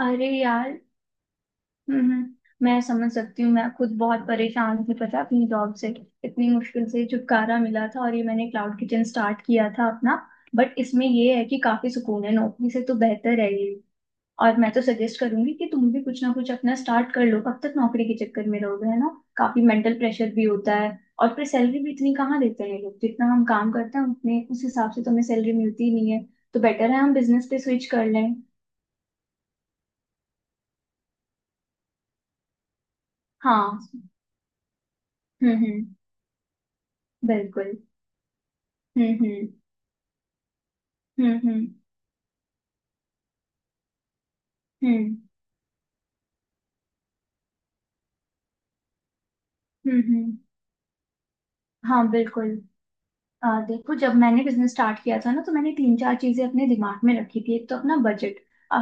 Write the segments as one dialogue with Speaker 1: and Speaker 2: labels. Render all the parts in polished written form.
Speaker 1: अरे यार। हम्म। मैं समझ सकती हूँ। मैं खुद बहुत परेशान थी, पता है, अपनी जॉब से। इतनी मुश्किल से छुटकारा मिला था और ये मैंने क्लाउड किचन स्टार्ट किया था अपना। बट इसमें ये है कि काफी सुकून है, नौकरी से तो बेहतर है ये। और मैं तो सजेस्ट करूंगी कि तुम भी कुछ ना कुछ अपना स्टार्ट कर लो। कब तक नौकरी के चक्कर में रहोगे, है ना। काफी मेंटल प्रेशर भी होता है। और फिर सैलरी भी इतनी कहाँ देते हैं ये लोग, जितना हम काम करते हैं उतने उस हिसाब से तो हमें सैलरी मिलती ही नहीं है। तो बेटर है हम बिजनेस पे स्विच कर लें। हाँ। हम्म। बिल्कुल। हम्म। हम्म। हम्म, हम्म। हाँ बिल्कुल। देखो, जब मैंने बिजनेस स्टार्ट किया था ना तो मैंने तीन चार चीजें अपने दिमाग में रखी थी, एक तो अपना बजट।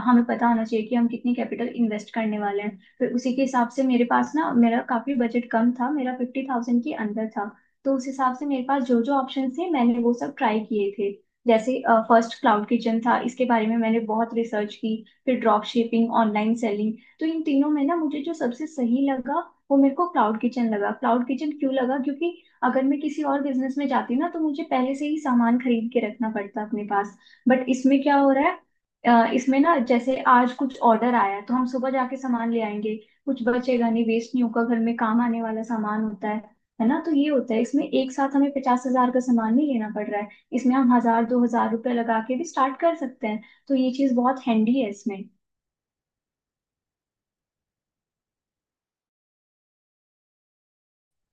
Speaker 1: हमें पता होना चाहिए कि हम कितनी कैपिटल इन्वेस्ट करने वाले हैं। फिर उसी के हिसाब से, मेरे पास ना, मेरा काफी बजट कम था, मेरा 50,000 के अंदर था। तो उस हिसाब से मेरे पास जो जो ऑप्शन थे मैंने वो सब ट्राई किए थे। जैसे, फर्स्ट क्लाउड किचन था, इसके बारे में मैंने बहुत रिसर्च की। फिर ड्रॉप शिपिंग, ऑनलाइन सेलिंग। तो इन तीनों में ना, मुझे जो सबसे सही लगा वो मेरे को क्लाउड किचन लगा। क्लाउड किचन क्यों लगा, क्योंकि अगर मैं किसी और बिजनेस में जाती ना तो मुझे पहले से ही सामान खरीद के रखना पड़ता अपने पास। बट इसमें क्या हो रहा है, इसमें ना, जैसे आज कुछ ऑर्डर आया है तो हम सुबह जाके सामान ले आएंगे। कुछ बचेगा नहीं, वेस्ट नहीं होगा, घर में काम आने वाला सामान होता है ना। तो ये होता है इसमें, एक साथ हमें 50,000 का सामान नहीं लेना पड़ रहा है। इसमें हम हजार दो हजार रुपये लगा के भी स्टार्ट कर सकते हैं। तो ये चीज बहुत हैंडी है इसमें।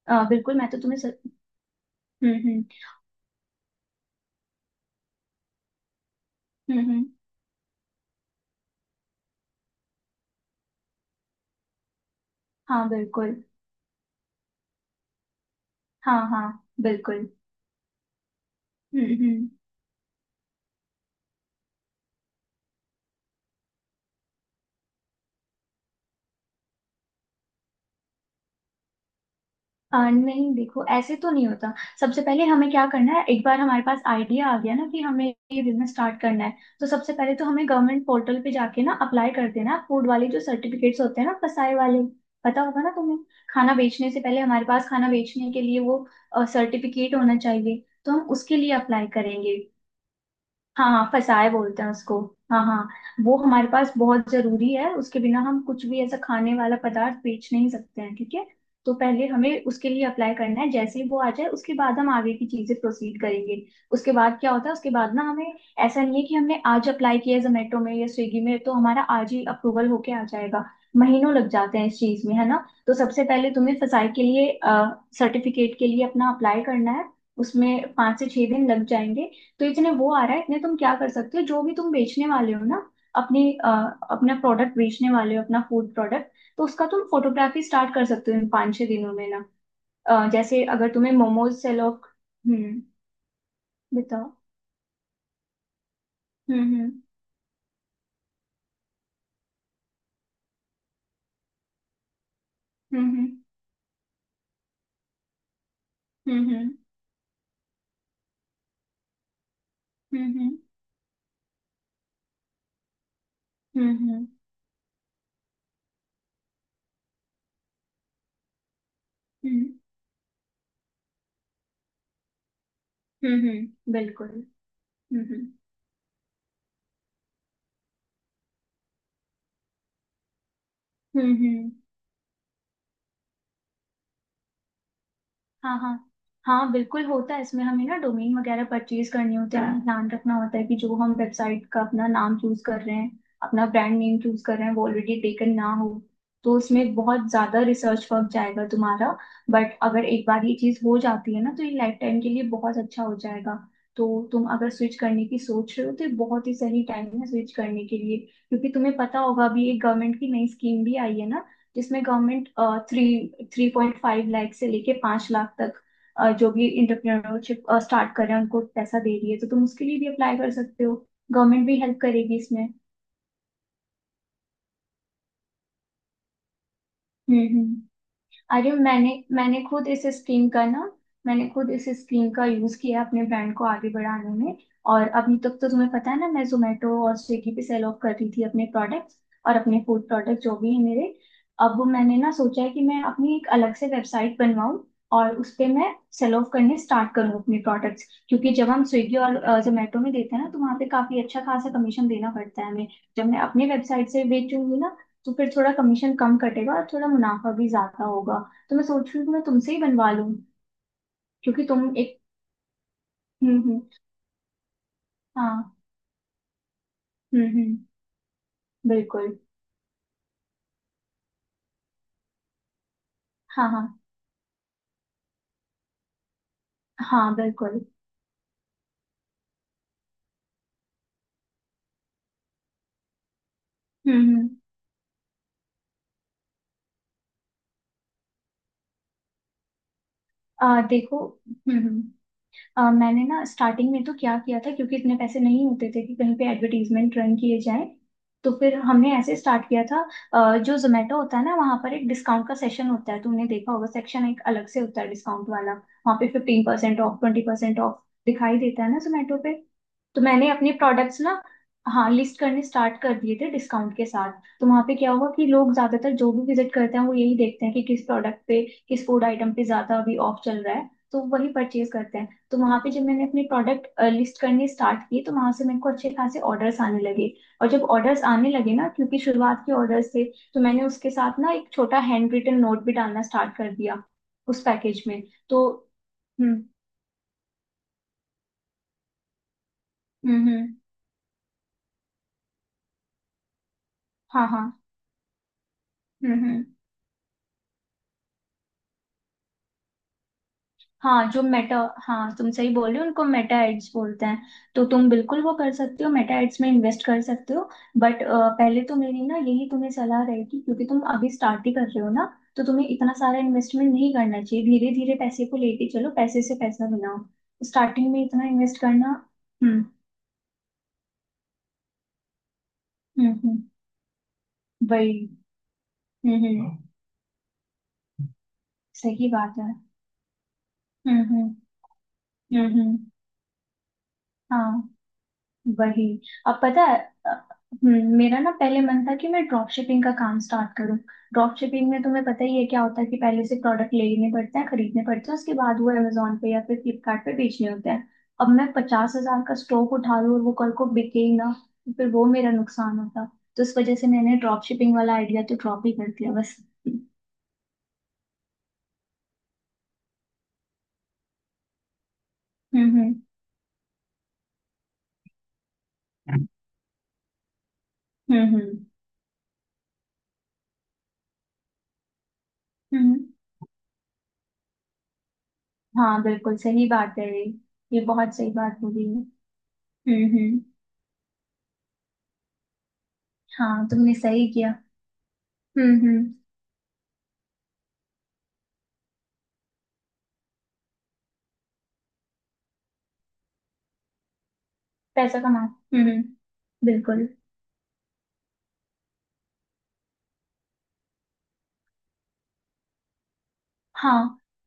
Speaker 1: बिल्कुल, मैं तो तुम्हें हम्म। हम्म। हाँ बिल्कुल। हाँ हाँ। बिल्कुल। हम्म। नहीं, देखो ऐसे तो नहीं होता। सबसे पहले हमें क्या करना है, एक बार हमारे पास आइडिया आ गया ना कि हमें ये बिजनेस स्टार्ट करना है, तो सबसे पहले तो हमें गवर्नमेंट पोर्टल पे जाके ना अप्लाई कर देना, फूड वाले जो सर्टिफिकेट्स होते हैं ना, फसाए वाले। पता होगा ना तुम्हें। खाना बेचने से पहले हमारे पास खाना बेचने के लिए वो सर्टिफिकेट होना चाहिए, तो हम उसके लिए अप्लाई करेंगे। हाँ हाँ, फसाए बोलते हैं उसको। हाँ हाँ। वो हमारे पास बहुत जरूरी है, उसके बिना हम कुछ भी ऐसा खाने वाला पदार्थ बेच नहीं सकते हैं, ठीक है। तो पहले हमें उसके लिए अप्लाई करना है, जैसे ही वो आ जाए उसके बाद हम आगे की चीजें प्रोसीड करेंगे। उसके बाद क्या होता है, उसके बाद ना हमें, ऐसा नहीं है कि हमने आज अप्लाई किया जोमेटो में या स्विगी में तो हमारा आज ही अप्रूवल होके आ जाएगा। महीनों लग जाते हैं इस चीज में, है ना। तो सबसे पहले तुम्हें फसाई के लिए, सर्टिफिकेट के लिए अपना अप्लाई करना है। उसमें 5 से 6 दिन लग जाएंगे। तो इतने वो आ रहा है, इतने तुम क्या कर सकते हो, जो भी तुम बेचने वाले हो ना, अपनी अ, अपना प्रोडक्ट बेचने वाले हो, अपना फूड प्रोडक्ट। तो उसका तुम फोटोग्राफी स्टार्ट कर सकते हो इन 5 6 दिनों में ना। जैसे अगर तुम्हें मोमोज से लोग। हम्म। बताओ। हम्म हम्म। हम्म। हम्म। हम्म। हम्म, बिल्कुल। हम्म। हम्म। हाँ हाँ। हाँ बिल्कुल होता है। इसमें हमें ना डोमेन वगैरह परचेज करने होते हैं। हमें ध्यान रखना होता है कि जो हम वेबसाइट का अपना नाम चूज कर रहे हैं, अपना ब्रांड नेम चूज कर रहे हैं, वो ऑलरेडी टेकन ना हो। तो उसमें बहुत ज्यादा रिसर्च वर्क जाएगा तुम्हारा। बट अगर एक बार ये चीज हो जाती है ना, तो ये लाइफ टाइम के लिए बहुत अच्छा हो जाएगा। तो तुम अगर स्विच करने की सोच रहे हो, तो ये बहुत ही सही टाइम है स्विच करने के लिए। क्योंकि तुम्हें पता होगा अभी एक गवर्नमेंट की नई स्कीम भी आई है ना। जिसमें गवर्नमेंट थ्री 3.5 लाख से लेके 5 लाख तक, जो भी इंटरप्रेन्योरशिप स्टार्ट कर रहे हैं उनको पैसा दे रही है। तो तुम उसके लिए भी अप्लाई कर सकते हो। गवर्नमेंट भी हेल्प करेगी इसमें। हम्म। अरे, मैंने मैंने खुद इस स्कीम का ना मैंने खुद इस स्कीम का यूज किया अपने ब्रांड को आगे बढ़ाने में। और अभी तक तो तुम्हें पता है ना, मैं जोमेटो और स्विगी पे सेल ऑफ कर रही थी अपने प्रोडक्ट्स, और अपने फूड प्रोडक्ट जो भी है मेरे। अब मैंने ना सोचा है कि मैं अपनी एक अलग से वेबसाइट बनवाऊं और उस पे मैं सेल ऑफ करने स्टार्ट करूं अपने प्रोडक्ट्स, क्योंकि जब हम स्विगी और जोमेटो में देते हैं ना तो वहाँ पे काफी अच्छा खासा कमीशन देना पड़ता है हमें। जब मैं अपनी वेबसाइट से बेचूंगी ना, तो फिर थोड़ा कमीशन कम कटेगा और थोड़ा मुनाफा भी ज्यादा होगा। तो मैं सोच रही हूँ कि मैं तुमसे ही बनवा लूँ, क्योंकि तुम एक। हम्म। हाँ। हम्म। बिल्कुल। हाँ हाँ। हाँ बिल्कुल। हम्म। आ देखो। हम्म। मैंने ना स्टार्टिंग में तो क्या किया था, क्योंकि इतने पैसे नहीं होते थे कि कहीं पे एडवर्टीजमेंट रन किए जाएं, तो फिर हमने ऐसे स्टार्ट किया था। जो जोमेटो होता है ना, वहाँ पर एक डिस्काउंट का सेशन होता है, तुमने देखा होगा, सेक्शन एक अलग से होता है डिस्काउंट वाला, वहाँ पे 15% ऑफ, 20% ऑफ दिखाई देता है ना जोमेटो पे। तो मैंने अपने प्रोडक्ट्स ना, हाँ, लिस्ट करने स्टार्ट कर दिए थे डिस्काउंट के साथ। तो वहाँ पे क्या हुआ कि लोग ज्यादातर जो भी विजिट करते हैं वो यही देखते हैं कि किस प्रोडक्ट पे, किस फूड आइटम पे ज्यादा अभी ऑफ चल रहा है, तो वही परचेज करते हैं। तो वहां पे जब मैंने अपने प्रोडक्ट लिस्ट करनी स्टार्ट की, तो वहां से मेरे को अच्छे खासे ऑर्डर्स आने लगे। और जब ऑर्डर्स आने लगे ना, क्योंकि शुरुआत के ऑर्डर्स थे, तो मैंने उसके साथ ना एक छोटा हैंड रिटन नोट भी डालना स्टार्ट कर दिया उस पैकेज में। तो। हम्म हम्म। हम्म। हाँ हाँ। हम्म। हाँ जो मेटा हाँ तुम सही बोल रहे हो, उनको मेटा एड्स बोलते हैं। तो तुम बिल्कुल वो कर सकते हो, मेटा एड्स में इन्वेस्ट कर सकते हो। बट पहले तो मेरी ना यही तुम्हें सलाह रहेगी, क्योंकि तुम अभी स्टार्ट ही कर रहे हो ना, तो तुम्हें इतना सारा इन्वेस्टमेंट नहीं करना चाहिए। धीरे धीरे पैसे को लेके चलो, पैसे से पैसा बनाओ। स्टार्टिंग में इतना इन्वेस्ट करना। हम्म। हम्म। वही। हम्म। सही बात है। हम्म। हम्म। हाँ। वही। अब पता है, अ, मेरा ना पहले मन था कि मैं ड्रॉप शिपिंग का काम स्टार्ट करूं। ड्रॉप शिपिंग में तुम्हें पता ही है क्या होता है, कि पहले से प्रोडक्ट लेने पड़ते हैं, खरीदने पड़ते हैं, उसके बाद वो अमेजोन पे या फिर फ्लिपकार्ट पे बेचने होते हैं। अब मैं 50,000 का स्टॉक उठा लूं और वो कल को बिके ही ना, तो फिर वो मेरा नुकसान होता। तो इस वजह से मैंने ड्रॉप शिपिंग वाला आइडिया तो ड्रॉप ही कर दिया, बस। हम्म। हम्म हम्म। हम्म। हाँ बिल्कुल, सही बात है ये। ये बहुत सही बात बोली है। हम्म। हाँ, तुमने सही किया। हम्म। पैसा कमाओ। बिल्कुल। हाँ,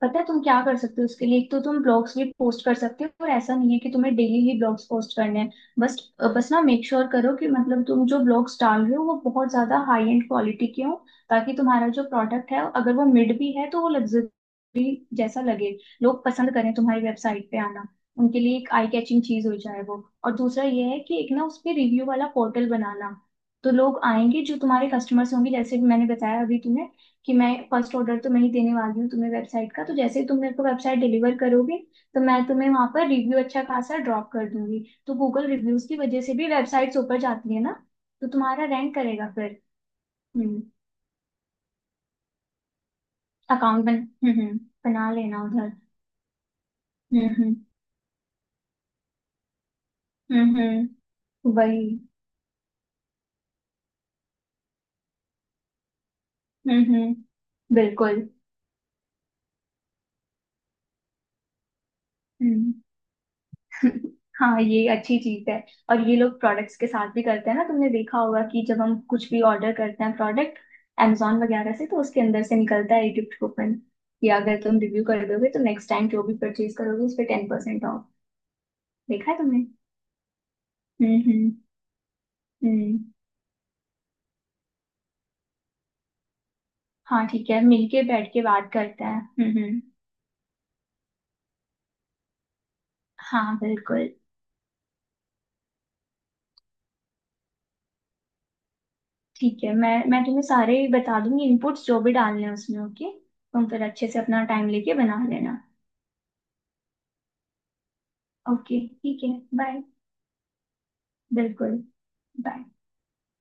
Speaker 1: पता है तुम क्या कर सकते हो उसके लिए। एक तो तुम ब्लॉग्स भी पोस्ट कर सकते हो, और ऐसा नहीं है कि तुम्हें डेली ही ब्लॉग्स पोस्ट करने हैं। बस, बस ना मेक श्योर करो कि मतलब तुम जो ब्लॉग्स डाल रहे हो वो बहुत ज्यादा हाई एंड क्वालिटी के हो। ताकि तुम्हारा जो प्रोडक्ट है, अगर वो मिड भी है, तो वो लग्जरी जैसा लगे। लोग पसंद करें तुम्हारी वेबसाइट पे आना। उनके लिए एक आई कैचिंग चीज हो जाए वो। और दूसरा ये है कि एक ना उस पे रिव्यू वाला पोर्टल बनाना। तो लोग आएंगे जो तुम्हारे कस्टमर्स होंगे, जैसे कि मैंने बताया अभी तुम्हें कि मैं फर्स्ट ऑर्डर तो मैं ही देने वाली हूँ तुम्हें वेबसाइट का, तो जैसे ही तुम मेरे को वेबसाइट डिलीवर करोगे, तो मैं तुम्हें वहां पर रिव्यू अच्छा खासा ड्रॉप कर दूंगी। तो गूगल रिव्यूज की वजह से भी वेबसाइट्स ऊपर जाती है ना, तो तुम्हारा रैंक करेगा फिर। हम्म। अकाउंट बन बना लेना उधर। हम्म। हम्म हम्म, वही। हम्म। बिल्कुल। हम्म। हाँ, ये अच्छी चीज है। और ये लोग प्रोडक्ट्स के साथ भी करते हैं ना, तुमने देखा होगा कि जब हम कुछ भी ऑर्डर करते हैं प्रोडक्ट, amazon वगैरह से, तो उसके अंदर से निकलता है एक गिफ्ट कूपन कि अगर तुम रिव्यू कर दोगे तो नेक्स्ट टाइम जो भी परचेज करोगे उस पर 10% ऑफ। देखा है तुमने। हम्म। हम्म। हाँ ठीक है, मिलके बैठ के बात करते हैं। हम्म। हाँ बिल्कुल। ठीक है, मैं तुम्हें सारे बता दूंगी इनपुट्स जो भी डालने हैं उसमें, ओके। तुम फिर अच्छे से अपना टाइम लेके बना लेना। ओके, ठीक है। बाय। बिल्कुल। बाय।